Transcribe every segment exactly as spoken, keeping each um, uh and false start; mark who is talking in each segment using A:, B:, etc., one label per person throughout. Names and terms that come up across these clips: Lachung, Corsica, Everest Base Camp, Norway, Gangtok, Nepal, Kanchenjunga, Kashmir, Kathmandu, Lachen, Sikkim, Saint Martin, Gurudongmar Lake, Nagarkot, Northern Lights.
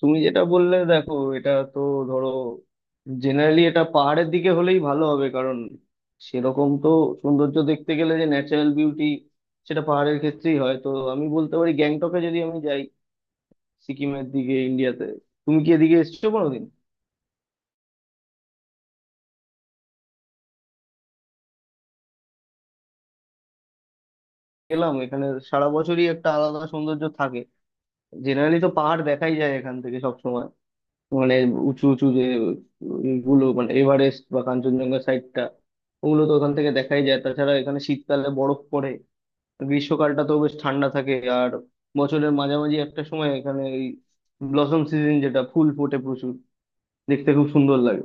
A: তুমি যেটা বললে দেখো এটা তো ধরো জেনারেলি এটা পাহাড়ের দিকে হলেই ভালো হবে, কারণ সেরকম তো সৌন্দর্য দেখতে গেলে যে ন্যাচারাল বিউটি, সেটা পাহাড়ের ক্ষেত্রেই হয়। তো আমি বলতে পারি, গ্যাংটকে যদি আমি যাই, সিকিমের দিকে, ইন্ডিয়াতে। তুমি কি এদিকে এসেছো কোনোদিন? এলাম এখানে, সারা বছরই একটা আলাদা সৌন্দর্য থাকে। জেনারেলি তো পাহাড় দেখাই যায় এখান থেকে সব, মানে উঁচু উঁচু যে ইগুলো, মানে এভারেস্ট বা কাঞ্চনজঙ্ঘা সাইডটা, ওগুলো তো ওখান থেকে দেখাই যায়। তাছাড়া এখানে শীতকালে বরফ পড়ে, গ্রীষ্মকালটা তো বেশ ঠান্ডা থাকে। আর বছরের মাঝামাঝি একটা সময় এখানে এই ব্লসম সিজন, যেটা ফুল ফোটে প্রচুর, দেখতে খুব সুন্দর লাগে।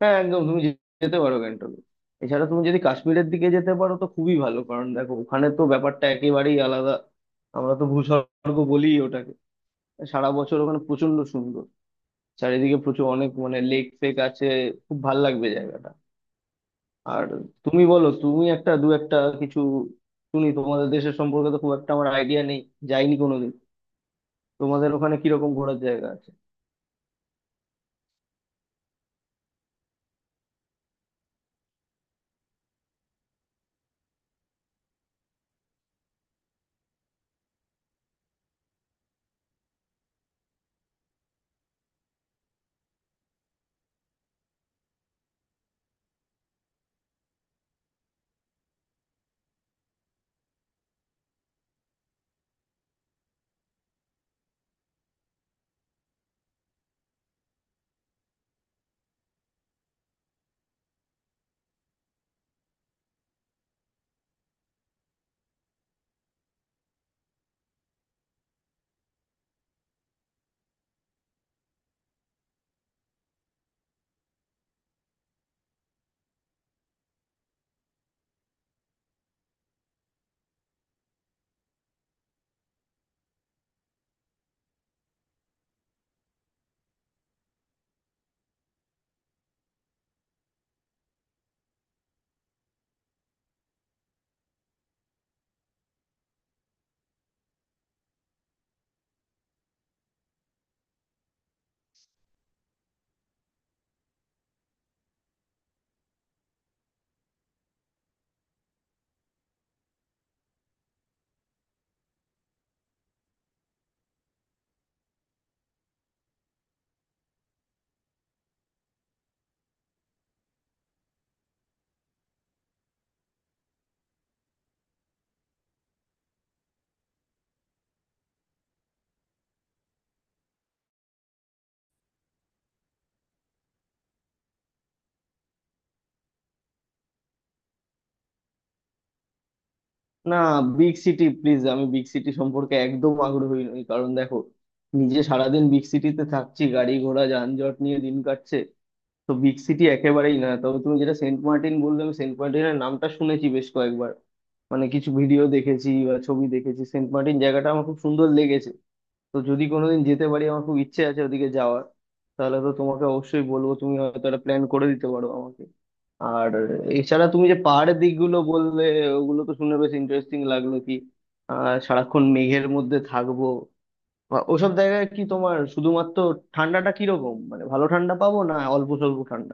A: হ্যাঁ একদম, তুমি যে- যেতে পারো গ্যাংটকে। এছাড়া তুমি যদি কাশ্মীরের দিকে যেতে পারো তো খুবই ভালো, কারণ দেখো ওখানে তো ব্যাপারটা একেবারেই আলাদা। আমরা তো ভূস্বর্গ বলি ওটাকে। সারা বছর ওখানে প্রচন্ড সুন্দর, চারিদিকে প্রচুর অনেক, মানে লেক ফেক আছে, খুব ভাল লাগবে জায়গাটা। আর তুমি বলো, তুমি একটা দু একটা কিছু শুনি, তোমাদের দেশের সম্পর্কে তো খুব একটা আমার আইডিয়া নেই, যাইনি কোনোদিন। তোমাদের ওখানে কিরকম ঘোরার জায়গা আছে? না, বিগ সিটি প্লিজ, আমি বিগ সিটি সম্পর্কে একদম আগ্রহী নই, কারণ দেখো নিজে সারাদিন বিগ সিটিতে থাকছি, গাড়ি ঘোড়া যানজট নিয়ে দিন কাটছে। তো বিগ সিটি একেবারেই না। তবে তুমি যেটা সেন্ট মার্টিন বললে, আমি সেন্ট মার্টিনের নামটা শুনেছি বেশ কয়েকবার, মানে কিছু ভিডিও দেখেছি বা ছবি দেখেছি, সেন্ট মার্টিন জায়গাটা আমার খুব সুন্দর লেগেছে। তো যদি কোনোদিন যেতে পারি, আমার খুব ইচ্ছে আছে ওদিকে যাওয়ার, তাহলে তো তোমাকে অবশ্যই বলবো, তুমি হয়তো একটা প্ল্যান করে দিতে পারো আমাকে। আর এছাড়া তুমি যে পাহাড়ের দিকগুলো বললে, ওগুলো তো শুনে বেশ ইন্টারেস্টিং লাগলো। কি আহ সারাক্ষণ মেঘের মধ্যে থাকবো, বা ওসব জায়গায় কি তোমার শুধুমাত্র ঠান্ডাটা কিরকম, মানে ভালো ঠান্ডা পাবো না অল্প স্বল্প ঠান্ডা?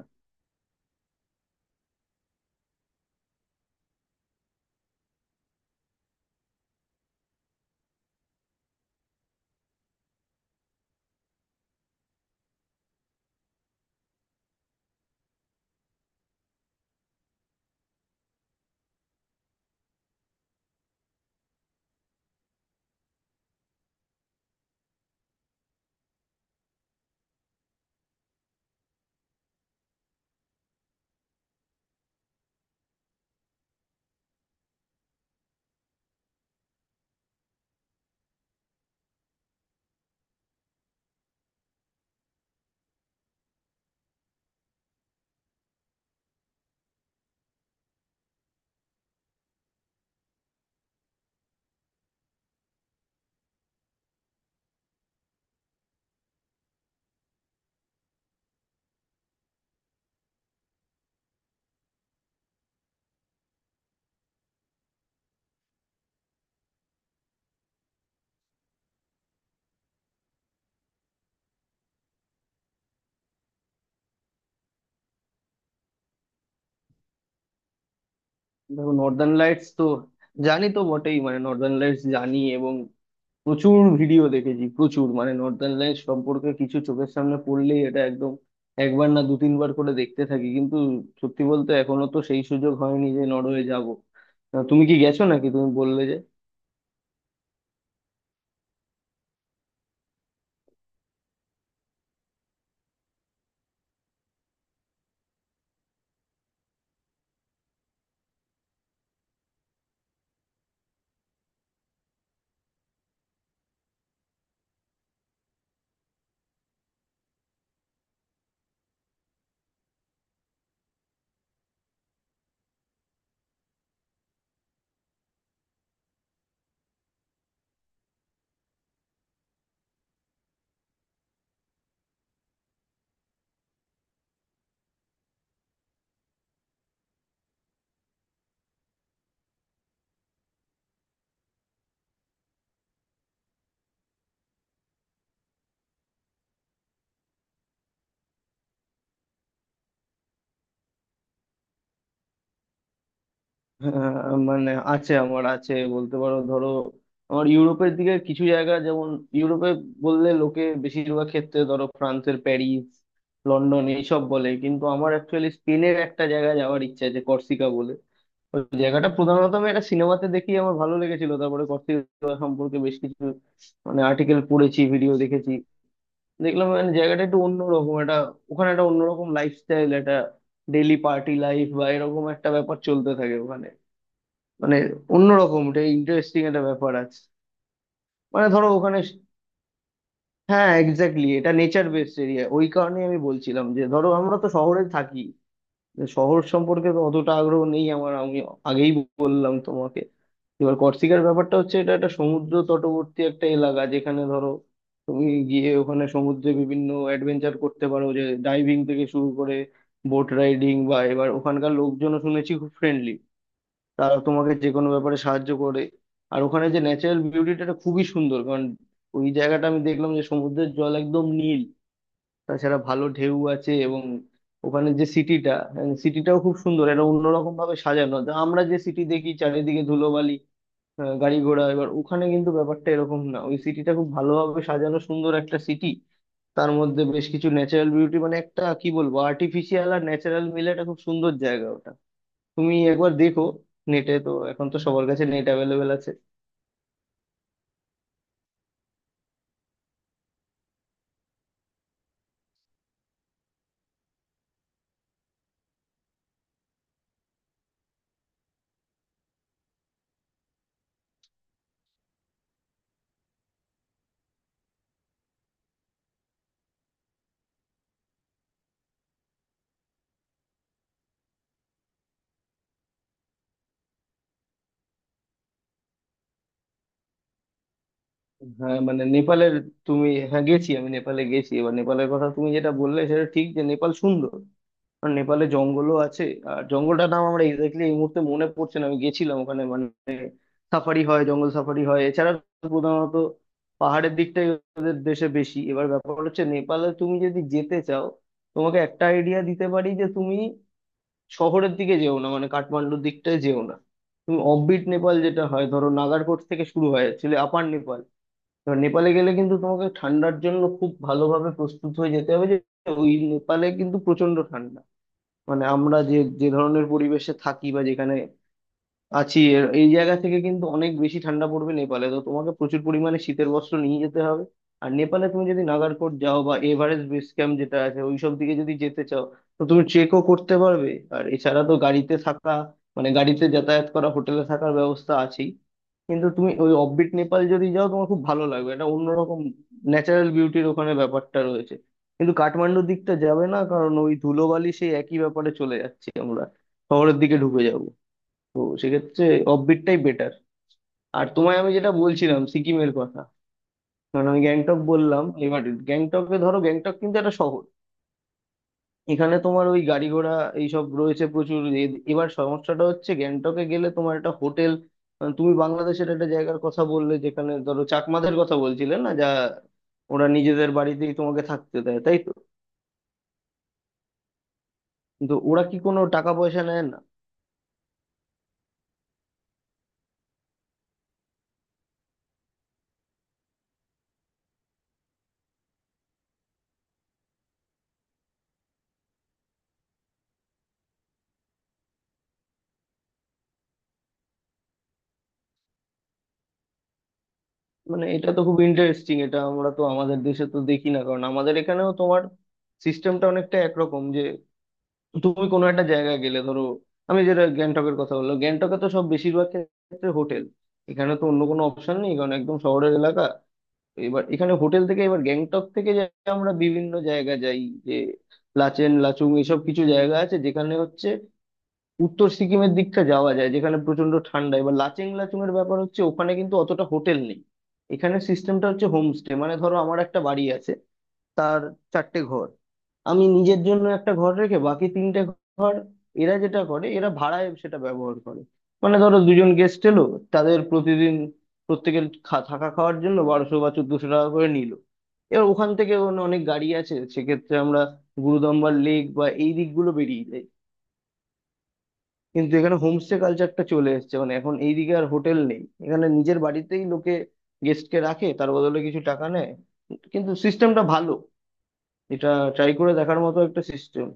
A: দেখো, নর্দার্ন লাইটস তো জানি তো বটেই, মানে নর্দার্ন লাইটস জানি, এবং প্রচুর ভিডিও দেখেছি প্রচুর, মানে নর্দার্ন লাইটস সম্পর্কে কিছু চোখের সামনে পড়লেই এটা একদম একবার না দু তিনবার করে দেখতে থাকি। কিন্তু সত্যি বলতে এখনো তো সেই সুযোগ হয়নি যে নরওয়ে যাব। তুমি কি গেছো নাকি, তুমি বললে? আহ, মানে আছে, আমার আছে বলতে পারো। ধরো আমার ইউরোপের দিকে কিছু জায়গা, যেমন ইউরোপে বললে লোকে বেশিরভাগ ক্ষেত্রে ধরো ফ্রান্সের প্যারিস, লন্ডন এইসব বলে। কিন্তু আমার অ্যাকচুয়ালি স্পেনের একটা জায়গায় যাওয়ার ইচ্ছা আছে, কর্সিকা বলে। ওই জায়গাটা প্রধানত আমি একটা সিনেমাতে দেখি, আমার ভালো লেগেছিল। তারপরে কর্সিকা সম্পর্কে বেশ কিছু মানে আর্টিকেল পড়েছি, ভিডিও দেখেছি। দেখলাম মানে জায়গাটা একটু অন্যরকম একটা, ওখানে একটা অন্যরকম লাইফস্টাইল, একটা ডেইলি পার্টি লাইফ বা এরকম একটা ব্যাপার চলতে থাকে। মানে অন্যরকম, এটা ইন্টারেস্টিং একটা ব্যাপার আছে। মানে ধরো ওখানে, হ্যাঁ এক্স্যাক্টলি, এটা নেচার বেসড এরিয়া। ওই কারণেই আমি বলছিলাম যে ধরো আমরা তো শহরে থাকি, যে শহর সম্পর্কে তো অতটা আগ্রহ নেই আমার, আমি আগেই বললাম তোমাকে। এবার কর্সিকার ব্যাপারটা হচ্ছে, এটা একটা সমুদ্র তটবর্তী একটা এলাকা, যেখানে ধরো তুমি গিয়ে ওখানে সমুদ্রে বিভিন্ন অ্যাডভেঞ্চার করতে পারো, যে ডাইভিং থেকে শুরু করে বোট রাইডিং বা। এবার ওখানকার লোকজনও শুনেছি খুব ফ্রেন্ডলি, তারা তোমাকে যে কোনো ব্যাপারে সাহায্য করে। আর ওখানে যে ন্যাচারাল বিউটিটা, এটা খুবই সুন্দর, কারণ ওই জায়গাটা আমি দেখলাম যে সমুদ্রের জল একদম নীল, তাছাড়া ভালো ঢেউ আছে। এবং ওখানে যে সিটিটা সিটিটাও খুব সুন্দর, এটা অন্যরকম ভাবে সাজানো। তা আমরা যে সিটি দেখি চারিদিকে ধুলোবালি, আহ, গাড়ি ঘোড়া, এবার ওখানে কিন্তু ব্যাপারটা এরকম না, ওই সিটিটা খুব ভালোভাবে সাজানো, সুন্দর একটা সিটি। তার মধ্যে বেশ কিছু ন্যাচারাল বিউটি, মানে একটা কি বলবো, আর্টিফিশিয়াল আর ন্যাচারাল মিলে একটা খুব সুন্দর জায়গা ওটা। তুমি একবার দেখো, নেটে তো এখন তো সবার কাছে নেট অ্যাভেলেবেল আছে। হ্যাঁ, মানে নেপালের, তুমি হ্যাঁ গেছি, আমি নেপালে গেছি। এবার নেপালের কথা তুমি যেটা বললে, সেটা ঠিক যে নেপাল সুন্দর, আর নেপালে জঙ্গলও আছে। আর জঙ্গলটার নাম আমরা এক্স্যাক্টলি এই মুহূর্তে মনে পড়ছে না। আমি গেছিলাম ওখানে, মানে সাফারি হয়, জঙ্গল সাফারি হয়। এছাড়া প্রধানত পাহাড়ের দিকটাই ওদের দেশে বেশি। এবার ব্যাপার হচ্ছে, নেপালে তুমি যদি যেতে চাও, তোমাকে একটা আইডিয়া দিতে পারি যে তুমি শহরের দিকে যেও না, মানে কাঠমান্ডুর দিকটায় যেও না। তুমি অফবিট নেপাল, যেটা হয় ধরো নাগারকোট থেকে শুরু হয় অ্যাকচুয়ালি, আপার নেপাল। এবার নেপালে গেলে কিন্তু তোমাকে ঠান্ডার জন্য খুব ভালোভাবে প্রস্তুত হয়ে যেতে হবে, যে ওই নেপালে কিন্তু প্রচন্ড ঠান্ডা। মানে আমরা যে যে ধরনের পরিবেশে থাকি বা যেখানে আছি, এর- এই জায়গা থেকে কিন্তু অনেক বেশি ঠান্ডা পড়বে নেপালে। তো তোমাকে প্রচুর পরিমাণে শীতের বস্ত্র নিয়ে যেতে হবে। আর নেপালে তুমি যদি নাগারকোট যাও বা এভারেস্ট বেস ক্যাম্প যেটা আছে ওইসব দিকে যদি যেতে চাও, তো তুমি ট্রেকও করতে পারবে। আর এছাড়া তো গাড়িতে থাকা, মানে গাড়িতে যাতায়াত করা, হোটেলে থাকার ব্যবস্থা আছেই। কিন্তু তুমি ওই অফবিট নেপাল যদি যাও, তোমার খুব ভালো লাগবে, এটা অন্যরকম ন্যাচারাল বিউটির ওখানে ব্যাপারটা রয়েছে। কিন্তু কাঠমান্ডুর দিকটা যাবে না, কারণ ওই ধুলোবালি সেই একই ব্যাপারে চলে যাচ্ছি আমরা, শহরের দিকে ঢুকে যাব। তো সেক্ষেত্রে অফবিটটাই বেটার। আর তোমায় আমি যেটা বলছিলাম সিকিমের কথা, কারণ আমি গ্যাংটক বললাম। এবার গ্যাংটকে ধরো, গ্যাংটক কিন্তু একটা শহর, এখানে তোমার ওই গাড়ি ঘোড়া এইসব রয়েছে প্রচুর। এ- এবার সমস্যাটা হচ্ছে গ্যাংটকে গেলে তোমার একটা হোটেল। তুমি বাংলাদেশের একটা জায়গার কথা বললে, যেখানে ধরো চাকমাদের কথা বলছিলে না, যা ওরা নিজেদের বাড়িতেই তোমাকে থাকতে দেয়, তাই তো? কিন্তু ওরা কি কোনো টাকা পয়সা নেয় না? মানে এটা তো খুব ইন্টারেস্টিং। এটা আমরা তো আমাদের দেশে তো দেখি না, কারণ আমাদের এখানেও তোমার সিস্টেমটা অনেকটা একরকম, যে তুমি কোনো একটা জায়গায় গেলে ধরো, আমি যেটা গ্যাংটকের কথা বললাম, গ্যাংটকে তো সব বেশিরভাগ ক্ষেত্রে হোটেল, এখানে তো অন্য কোনো অপশন নেই, কারণ একদম শহরের এলাকা। এবার এখানে হোটেল থেকে এবার গ্যাংটক থেকে যে আমরা বিভিন্ন জায়গা যাই, যে লাচেন লাচুং এসব কিছু জায়গা আছে, যেখানে হচ্ছে উত্তর সিকিমের দিকটা যাওয়া যায়, যেখানে প্রচন্ড ঠান্ডা। এবার লাচেং লাচুং এর ব্যাপার হচ্ছে ওখানে কিন্তু অতটা হোটেল নেই, এখানে সিস্টেমটা হচ্ছে হোমস্টে। মানে ধরো আমার একটা বাড়ি আছে, তার চারটে ঘর, আমি নিজের জন্য একটা ঘর রেখে বাকি তিনটে ঘর এরা যেটা করে এরা ভাড়ায় সেটা ব্যবহার করে। মানে ধরো দুজন গেস্ট এলো, তাদের প্রতিদিন প্রত্যেকের খা- থাকা খাওয়ার জন্য বারোশো বা চোদ্দশো টাকা করে নিল। এবার ওখান থেকে অন- অনেক গাড়ি আছে, সেক্ষেত্রে আমরা গুরুদম্বার লেক বা এই দিকগুলো বেরিয়ে যাই। কিন্তু এখানে হোমস্টে কালচারটা চলে এসেছে, মানে এখন এইদিকে আর হোটেল নেই, এখানে নিজের বাড়িতেই লোকে গেস্টকে রাখে, তার বদলে কিছু টাকা নেয়। কিন্তু সিস্টেমটা ভালো, এটা ট্রাই করে দেখার মতো একটা সিস্টেম।